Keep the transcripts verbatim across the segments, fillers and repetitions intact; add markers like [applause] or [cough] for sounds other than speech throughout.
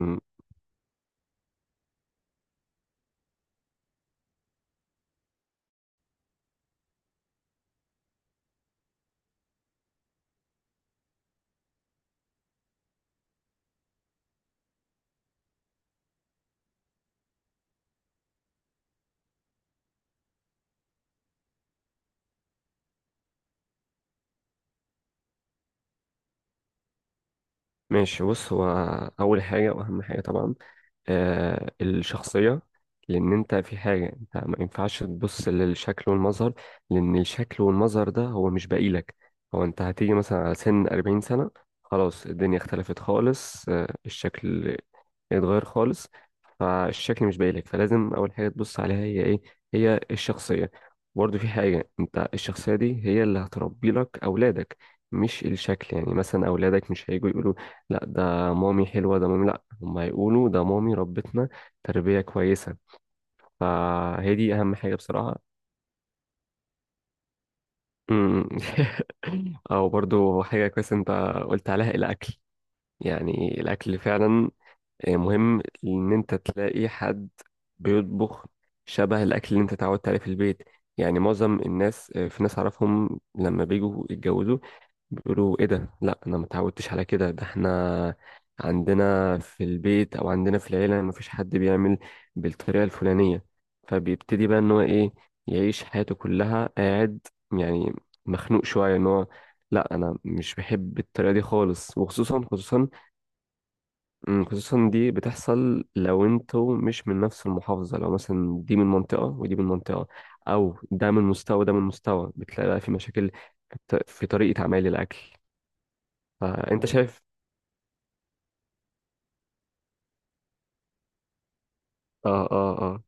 مم. ماشي بص هو أول حاجة وأهم حاجة طبعا آه الشخصية، لأن أنت في حاجة، أنت ما ينفعش تبص للشكل والمظهر، لأن الشكل والمظهر ده هو مش باقي لك. هو أنت هتيجي مثلا على سن أربعين سنة، خلاص الدنيا اختلفت خالص. آه الشكل اتغير خالص، فالشكل مش باين لك، فلازم اول حاجه تبص عليها هي ايه؟ هي الشخصيه. برضه في حاجه، انت الشخصيه دي هي اللي هتربي لك اولادك، مش الشكل. يعني مثلا اولادك مش هيجوا يقولوا لا ده مامي حلوه، ده مامي، لا، هم هيقولوا ده مامي ربتنا تربيه كويسه. فهي دي اهم حاجه بصراحه. أمم. [laughs] او برضو حاجه كويسه، انت قلت عليها الاكل، يعني الاكل فعلا آه، مهم ان انت تلاقي حد بيطبخ شبه الاكل اللي انت اتعودت عليه في البيت. يعني معظم الناس، آه، في ناس اعرفهم لما بيجوا يتجوزوا بيقولوا ايه ده، لا انا ما اتعودتش على كده، ده احنا عندنا في البيت او عندنا في العيله ما فيش حد بيعمل بالطريقه الفلانيه. فبيبتدي بقى ان هو ايه، يعيش حياته كلها قاعد يعني مخنوق شويه ان هو لا انا مش بحب الطريقه دي خالص. وخصوصا خصوصا أمم، خصوصا دي بتحصل لو انتوا مش من نفس المحافظة، لو مثلا دي من منطقة ودي من منطقة، أو ده من مستوى وده من مستوى، بتلاقي بقى في مشاكل في الط- في طريقة عمايل الأكل. فأنت شايف. اه اه اه.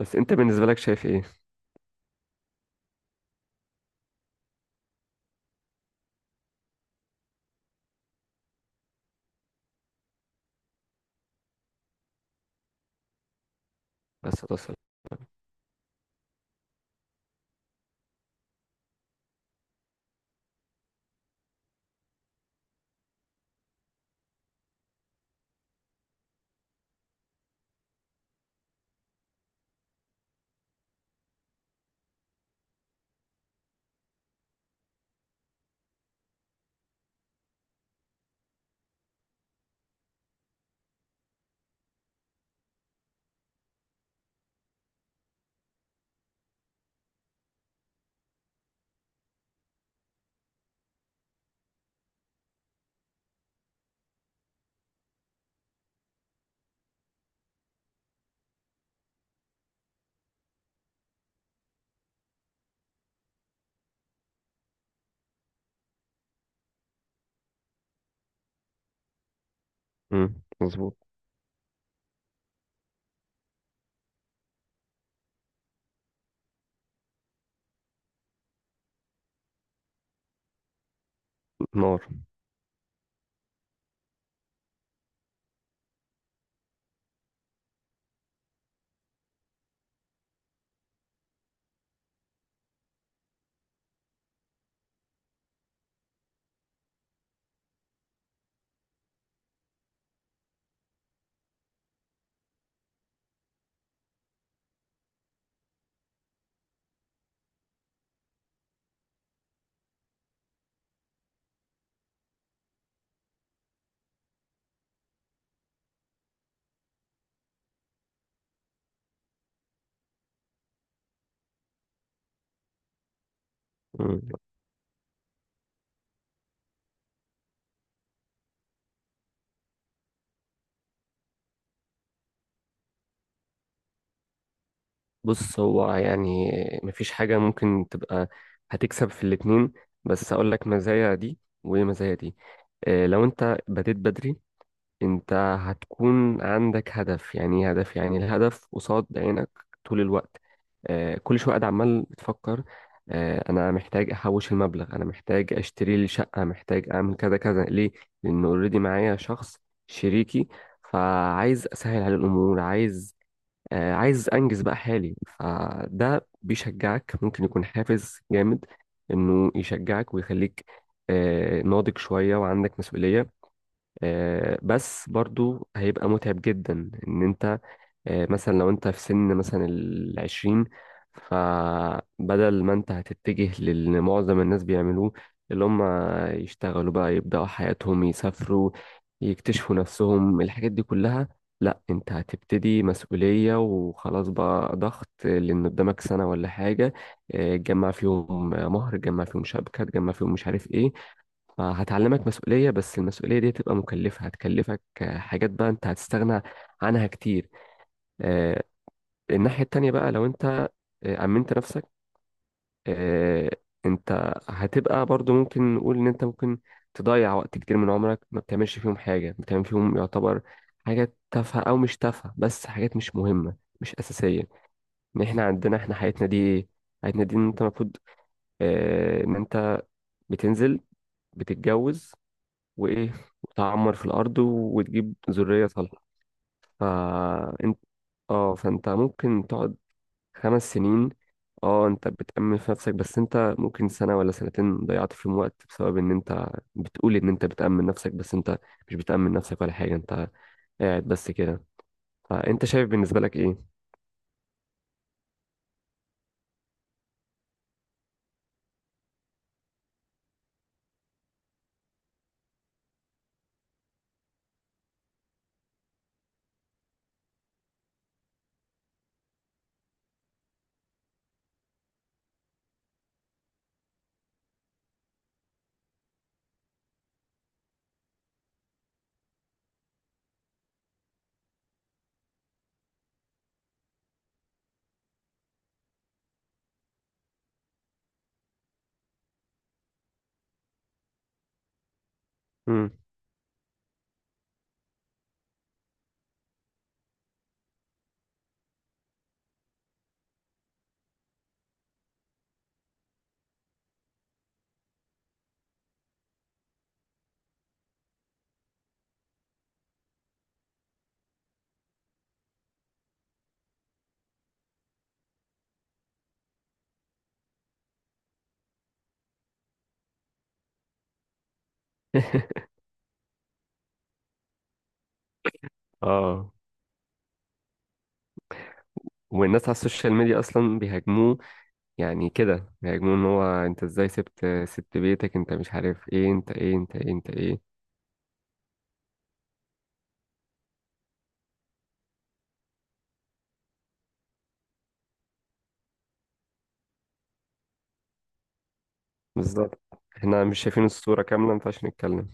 بس أنت بالنسبة لك شايف إيه؟ بس تصل. أمم، مظبوط. نار. أمم. بص هو يعني مفيش حاجة ممكن تبقى، هتكسب في الاتنين، بس أقول لك مزايا دي ومزايا دي. آه، لو أنت بديت بدري، انت هتكون عندك هدف، يعني ايه هدف؟ يعني الهدف قصاد عينك طول الوقت. آه كل شويه قاعد عمال بتفكر، آه انا محتاج احوش المبلغ، انا محتاج اشتري لي شقه، محتاج اعمل كذا كذا. ليه؟ لان اوريدي معايا شخص، شريكي، فعايز اسهل على الامور، عايز آه عايز انجز بقى حالي. فده بيشجعك، ممكن يكون حافز جامد انه يشجعك ويخليك آه ناضج شويه وعندك مسؤوليه. آه، بس برضو هيبقى متعب جدا ان انت آه، مثلا لو انت في سن مثلا العشرين، فبدل ما انت هتتجه للي معظم الناس بيعملوه، اللي هم يشتغلوا بقى، يبدأوا حياتهم، يسافروا، يكتشفوا نفسهم، الحاجات دي كلها. لا، انت هتبتدي مسؤولية وخلاص، بقى ضغط، لان قدامك سنة ولا حاجة آه، تجمع فيهم مهر، تجمع فيهم شبكة، تجمع فيهم مش عارف ايه. فهتعلمك مسؤولية، بس المسؤولية دي هتبقى مكلفة، هتكلفك آه، حاجات بقى انت هتستغنى عنها كتير. آه، الناحية التانية بقى، لو انت آه، أمنت نفسك، آه، انت هتبقى برضو، ممكن نقول ان انت ممكن تضيع وقت كتير من عمرك ما بتعملش فيهم حاجة، بتعمل فيهم يعتبر حاجات تافهة أو مش تافهة، بس حاجات مش مهمة مش أساسية. ان احنا عندنا، احنا حياتنا دي ايه؟ حياتنا دي ان انت المفروض آه، ان انت بتنزل، بتتجوز، وايه، وتعمر في الارض وتجيب ذريه صالحه. فانت اه فانت ممكن تقعد خمس سنين. اه انت بتأمن في نفسك، بس انت ممكن سنه ولا سنتين ضيعت فيهم وقت بسبب ان انت بتقول ان انت بتأمن نفسك، بس انت مش بتأمن نفسك ولا حاجه، انت قاعد بس كده. فانت شايف بالنسبه لك ايه؟ مم. [laughs] اه، والناس على السوشيال ميديا اصلا بيهاجموه، يعني كده بيهاجموه ان هو انت ازاي سبت سبت بيتك، انت مش عارف ايه، انت ايه، انت ايه، انت ايه. بالظبط، احنا مش شايفين الصورة كاملة، ما ينفعش نتكلم.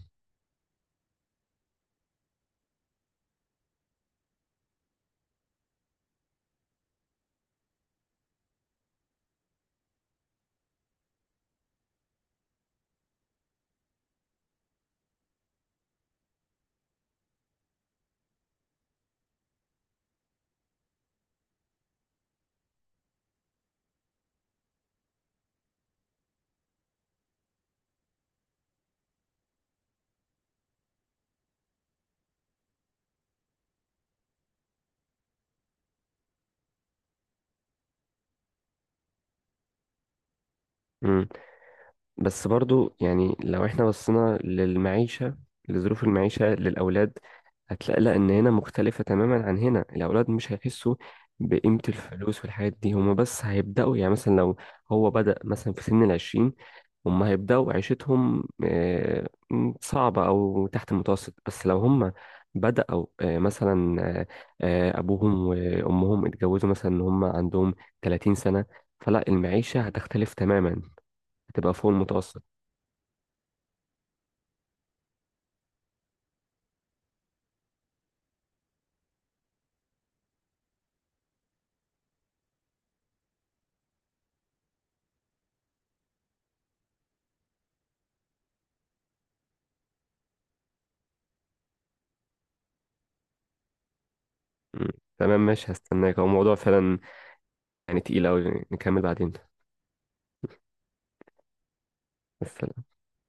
مم. بس برضو يعني لو احنا بصينا للمعيشة، لظروف المعيشة للأولاد، هتلاقي لا، إن هنا مختلفة تماما عن هنا، الأولاد مش هيحسوا بقيمة الفلوس والحاجات دي. هما بس هيبدأوا، يعني مثلا لو هو بدأ مثلا في سن العشرين، هما هيبدأوا عيشتهم آه، صعبة أو تحت المتوسط. بس لو هما بدأوا آه، مثلا آه، آه، أبوهم وأمهم اتجوزوا مثلا إن هما عندهم ثلاثين سنة، فلا المعيشة هتختلف تماما، هتبقى فوق المتوسط. مم. تمام ماشي، هستناك. هو الموضوع فعلا يعني تقيل أوي، نكمل بعدين. بس